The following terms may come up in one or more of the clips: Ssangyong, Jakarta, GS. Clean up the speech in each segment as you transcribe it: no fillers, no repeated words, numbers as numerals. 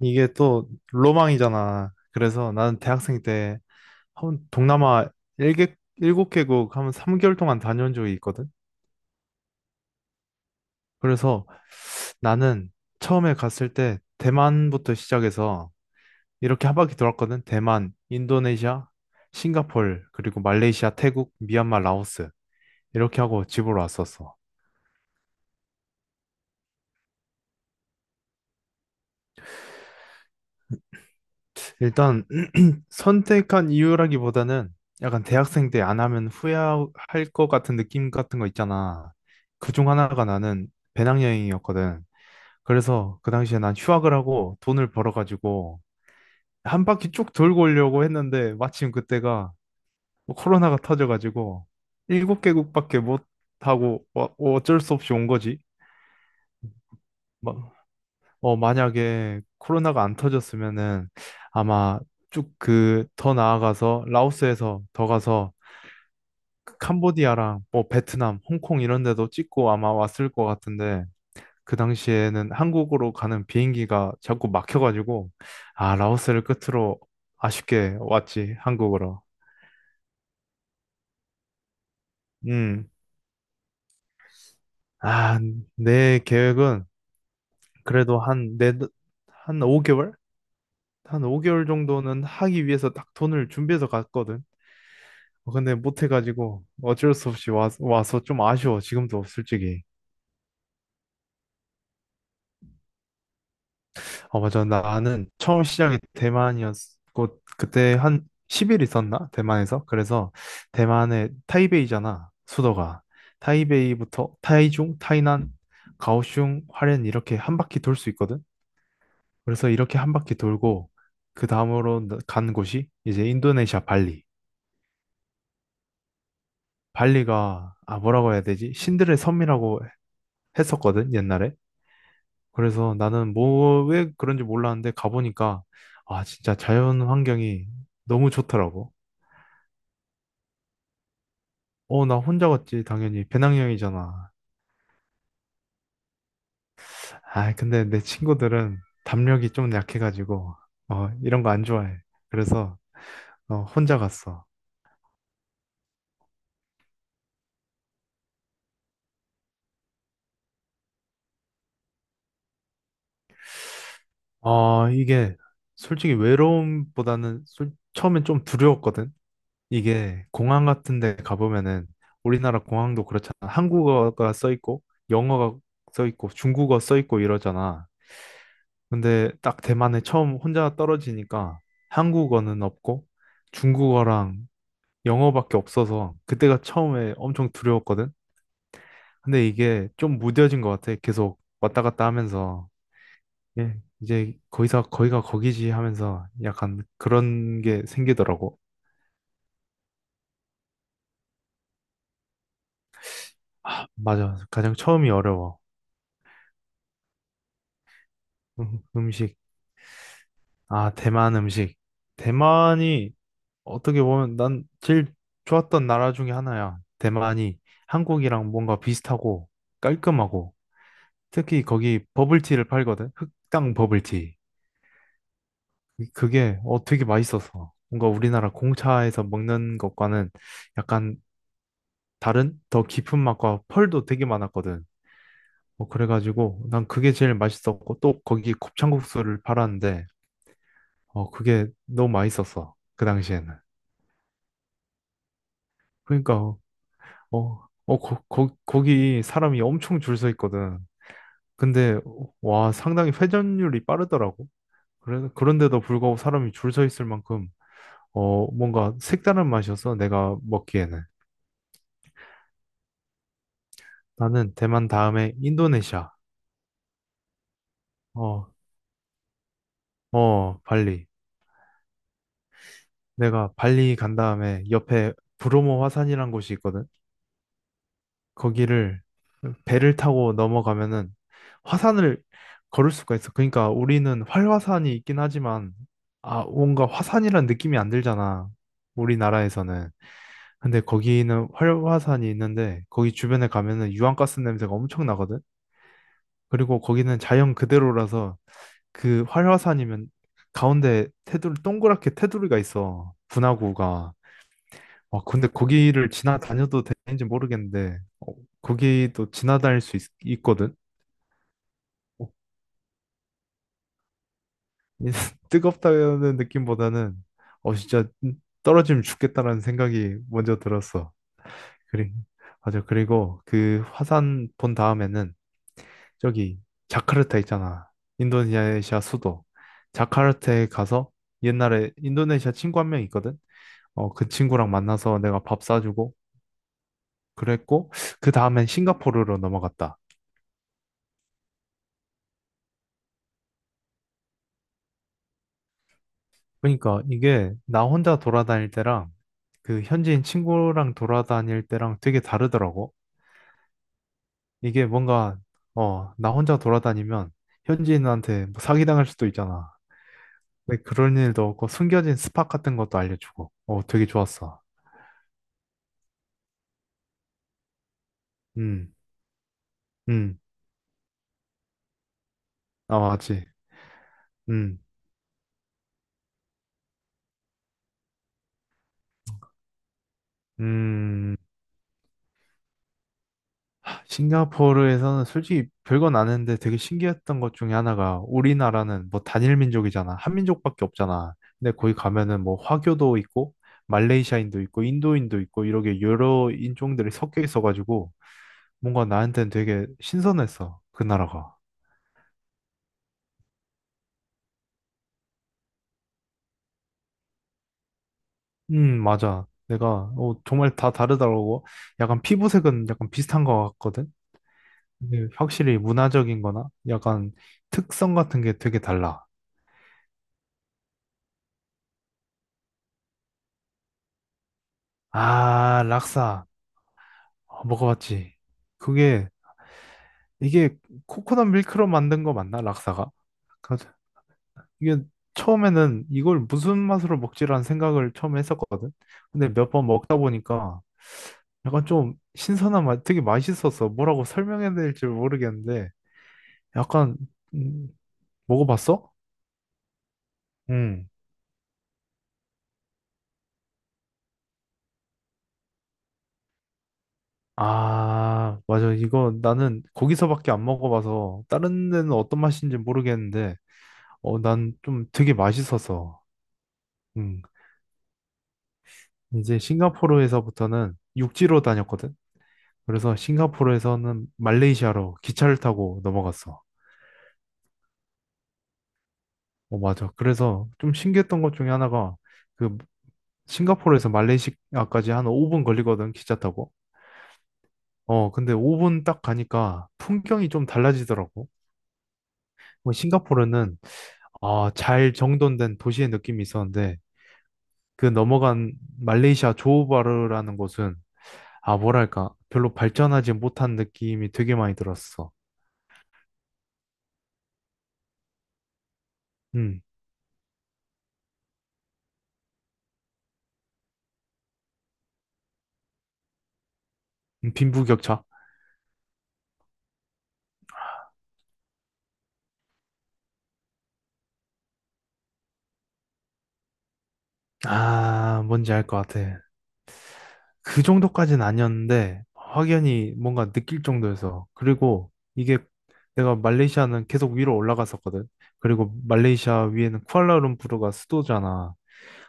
이게 또 로망이잖아. 그래서 나는 대학생 때 한 동남아 일개 7개국 하면 3개월 동안 다녀온 적이 있거든. 그래서 나는 처음에 갔을 때 대만부터 시작해서 이렇게 한 바퀴 돌았거든. 대만, 인도네시아, 싱가폴, 그리고 말레이시아, 태국, 미얀마, 라오스. 이렇게 하고 집으로 왔었어. 일단 선택한 이유라기보다는 약간 대학생 때 안 하면 후회할 것 같은 느낌 같은 거 있잖아. 그 중 하나가 나는 배낭여행이었거든. 그래서 그 당시에 난 휴학을 하고 돈을 벌어가지고 한 바퀴 쭉 돌고 오려고 했는데 마침 그때가 뭐 코로나가 터져가지고 일곱 개국밖에 못 하고 어쩔 수 없이 온 거지. 막, 만약에 코로나가 안 터졌으면은 아마 쭉 그 더 나아가서 라오스에서 더 가서 캄보디아랑 뭐 베트남, 홍콩 이런 데도 찍고 아마 왔을 것 같은데 그 당시에는 한국으로 가는 비행기가 자꾸 막혀가지고 아 라오스를 끝으로 아쉽게 왔지 한국으로. 음. 아, 내 계획은 그래도 한 네, 한 5개월? 한 5개월 정도는 하기 위해서 딱 돈을 준비해서 갔거든. 근데 못해가지고 어쩔 수 없이 와서 좀 아쉬워. 지금도 솔직히. 어, 맞아. 나는 처음 시작이 대만이었고, 그때 한 10일 있었나? 대만에서? 그래서 대만의 타이베이잖아, 수도가. 타이베이부터 타이중, 타이난, 가오슝, 화롄 이렇게 한 바퀴 돌 수 있거든? 그래서 이렇게 한 바퀴 돌고, 그 다음으로 간 곳이 이제 인도네시아 발리. 발리가, 아, 뭐라고 해야 되지? 신들의 섬이라고 했었거든, 옛날에. 그래서 나는 뭐, 왜 그런지 몰랐는데 가보니까, 아, 진짜 자연 환경이 너무 좋더라고. 어, 나 혼자 갔지, 당연히. 배낭여행이잖아. 아, 근데 내 친구들은 담력이 좀 약해가지고, 어, 이런 거 안 좋아해. 그래서, 어, 혼자 갔어. 아, 이게, 솔직히 외로움보다는 처음엔 좀 두려웠거든? 이게, 공항 같은 데 가보면은, 우리나라 공항도 그렇잖아. 한국어가 써 있고, 영어가 써 있고, 중국어 써 있고 이러잖아. 근데 딱 대만에 처음 혼자 떨어지니까 한국어는 없고 중국어랑 영어밖에 없어서 그때가 처음에 엄청 두려웠거든. 근데 이게 좀 무뎌진 것 같아. 계속 왔다 갔다 하면서 예, 이제 거기서 거기가 거기지 하면서 약간 그런 게 생기더라고. 아, 맞아. 가장 처음이 어려워. 음식. 아, 대만 음식. 대만이 어떻게 보면 난 제일 좋았던 나라 중에 하나야. 대만이 한국이랑 뭔가 비슷하고 깔끔하고 특히 거기 버블티를 팔거든. 흑당 버블티. 그게 어 되게 맛있었어. 뭔가 우리나라 공차에서 먹는 것과는 약간 다른 더 깊은 맛과 펄도 되게 많았거든. 어, 그래가지고 난 그게 제일 맛있었고 또 거기 곱창국수를 팔았는데 어 그게 너무 맛있었어. 그 당시에는. 그러니까 거기 사람이 엄청 줄 서 있거든. 근데, 와, 상당히 회전율이 빠르더라고. 그래, 그런데도 불구하고 사람이 줄 서 있을 만큼, 어, 뭔가 색다른 맛이었어, 내가 먹기에는. 나는 대만 다음에 인도네시아. 어, 어, 발리. 내가 발리 간 다음에 옆에 브로모 화산이란 곳이 있거든. 거기를 배를 타고 넘어가면은 화산을 걸을 수가 있어. 그러니까 우리는 활화산이 있긴 하지만 아 뭔가 화산이란 느낌이 안 들잖아. 우리나라에서는. 근데 거기는 활화산이 있는데 거기 주변에 가면은 유황가스 냄새가 엄청 나거든. 그리고 거기는 자연 그대로라서 그 활화산이면 가운데 테두리 동그랗게 테두리가 있어. 분화구가. 아, 근데 거기를 지나다녀도 되는지 모르겠는데, 어, 거기도 지나다닐 수 있, 거든 뜨겁다는 느낌보다는, 어, 진짜 떨어지면 죽겠다라는 생각이 먼저 들었어. 그리, 맞아. 그리고 그 화산 본 다음에는 저기 자카르타 있잖아. 인도네시아 수도. 자카르타에 가서 옛날에 인도네시아 친구 한 명 있거든. 어, 그 친구랑 만나서 내가 밥 사주고 그랬고, 그 다음엔 싱가포르로 넘어갔다. 그러니까 이게 나 혼자 돌아다닐 때랑 그 현지인 친구랑 돌아다닐 때랑 되게 다르더라고. 이게 뭔가 어, 나 혼자 돌아다니면 현지인한테 뭐 사기당할 수도 있잖아. 근데 그런 일도 없고 숨겨진 스팟 같은 것도 알려주고. 어, 되게 좋았어. 음, 음, 아, 맞지. 음, 음. 싱가포르에서는 솔직히 별건 아는데 되게 신기했던 것 중에 하나가 우리나라는 뭐 단일 민족이잖아. 한 민족밖에 없잖아. 근데 거기 가면은 뭐 화교도 있고 말레이시아인도 있고 인도인도 있고 이렇게 여러 인종들이 섞여 있어가지고 뭔가 나한테는 되게 신선했어. 그 나라가. 맞아. 내가 어, 정말 다 다르더라고. 약간 피부색은 약간 비슷한 것 같거든. 근데 확실히 문화적인 거나 약간 특성 같은 게 되게 달라. 아, 락사. 아, 먹어봤지. 그게 이게 코코넛 밀크로 만든 거 맞나? 락사가? 그- 이게 처음에는 이걸 무슨 맛으로 먹지라는 생각을 처음 했었거든. 근데 몇 번 먹다 보니까 약간 좀 신선한 맛, 되게 맛있었어. 뭐라고 설명해야 될지 모르겠는데 약간 음, 먹어봤어? 응. 아, 맞아. 이거 나는 거기서밖에 안 먹어봐서 다른 데는 어떤 맛인지 모르겠는데 어, 난 좀 되게 맛있었어. 응. 이제 싱가포르에서부터는 육지로 다녔거든. 그래서 싱가포르에서는 말레이시아로 기차를 타고 넘어갔어. 어, 맞아. 그래서 좀 신기했던 것 중에 하나가 그 싱가포르에서 말레이시아까지 한 5분 걸리거든, 기차 타고. 어, 근데 5분 딱 가니까 풍경이 좀 달라지더라고. 뭐 싱가포르는 아, 잘 정돈된 도시의 느낌이 있었는데 그 넘어간 말레이시아 조호바르라는 곳은 아, 뭐랄까, 별로 발전하지 못한 느낌이 되게 많이 들었어. 음, 빈부격차. 아, 뭔지 알 것 같아. 그 정도까지는 아니었는데, 확연히 뭔가 느낄 정도여서. 그리고 이게 내가 말레이시아는 계속 위로 올라갔었거든. 그리고 말레이시아 위에는 쿠알라룸푸르가 수도잖아.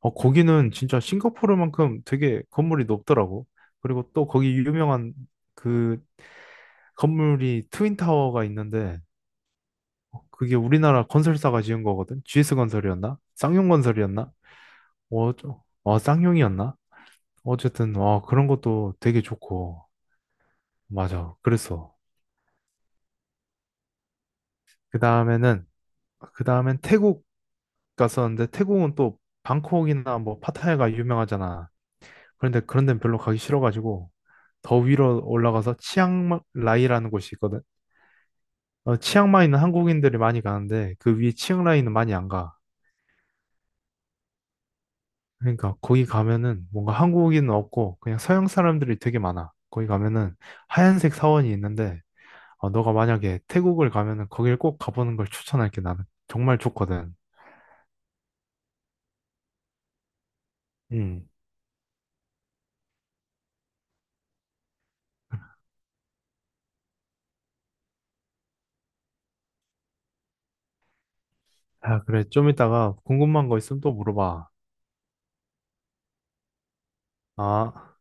어, 거기는 진짜 싱가포르만큼 되게 건물이 높더라고. 그리고 또 거기 유명한 그 건물이 트윈타워가 있는데, 어, 그게 우리나라 건설사가 지은 거거든. GS 건설이었나? 쌍용 건설이었나? 어, 쌍용이었나? 어쨌든 어 그런 것도 되게 좋고 맞아 그랬어 그 다음에는 그 다음엔 태국 갔었는데 태국은 또 방콕이나 뭐 파타야가 유명하잖아 그런데 그런 데는 별로 가기 싫어가지고 더 위로 올라가서 치앙라이라는 곳이 있거든 어, 치앙마이는 한국인들이 많이 가는데 그 위에 치앙라이는 많이 안가 그러니까 거기 가면은 뭔가 한국인은 없고 그냥 서양 사람들이 되게 많아 거기 가면은 하얀색 사원이 있는데 어, 너가 만약에 태국을 가면은 거길 꼭 가보는 걸 추천할게, 나는. 정말 좋거든. 음. 아, 그래. 좀 이따가 궁금한 거 있으면 또 물어봐. 아.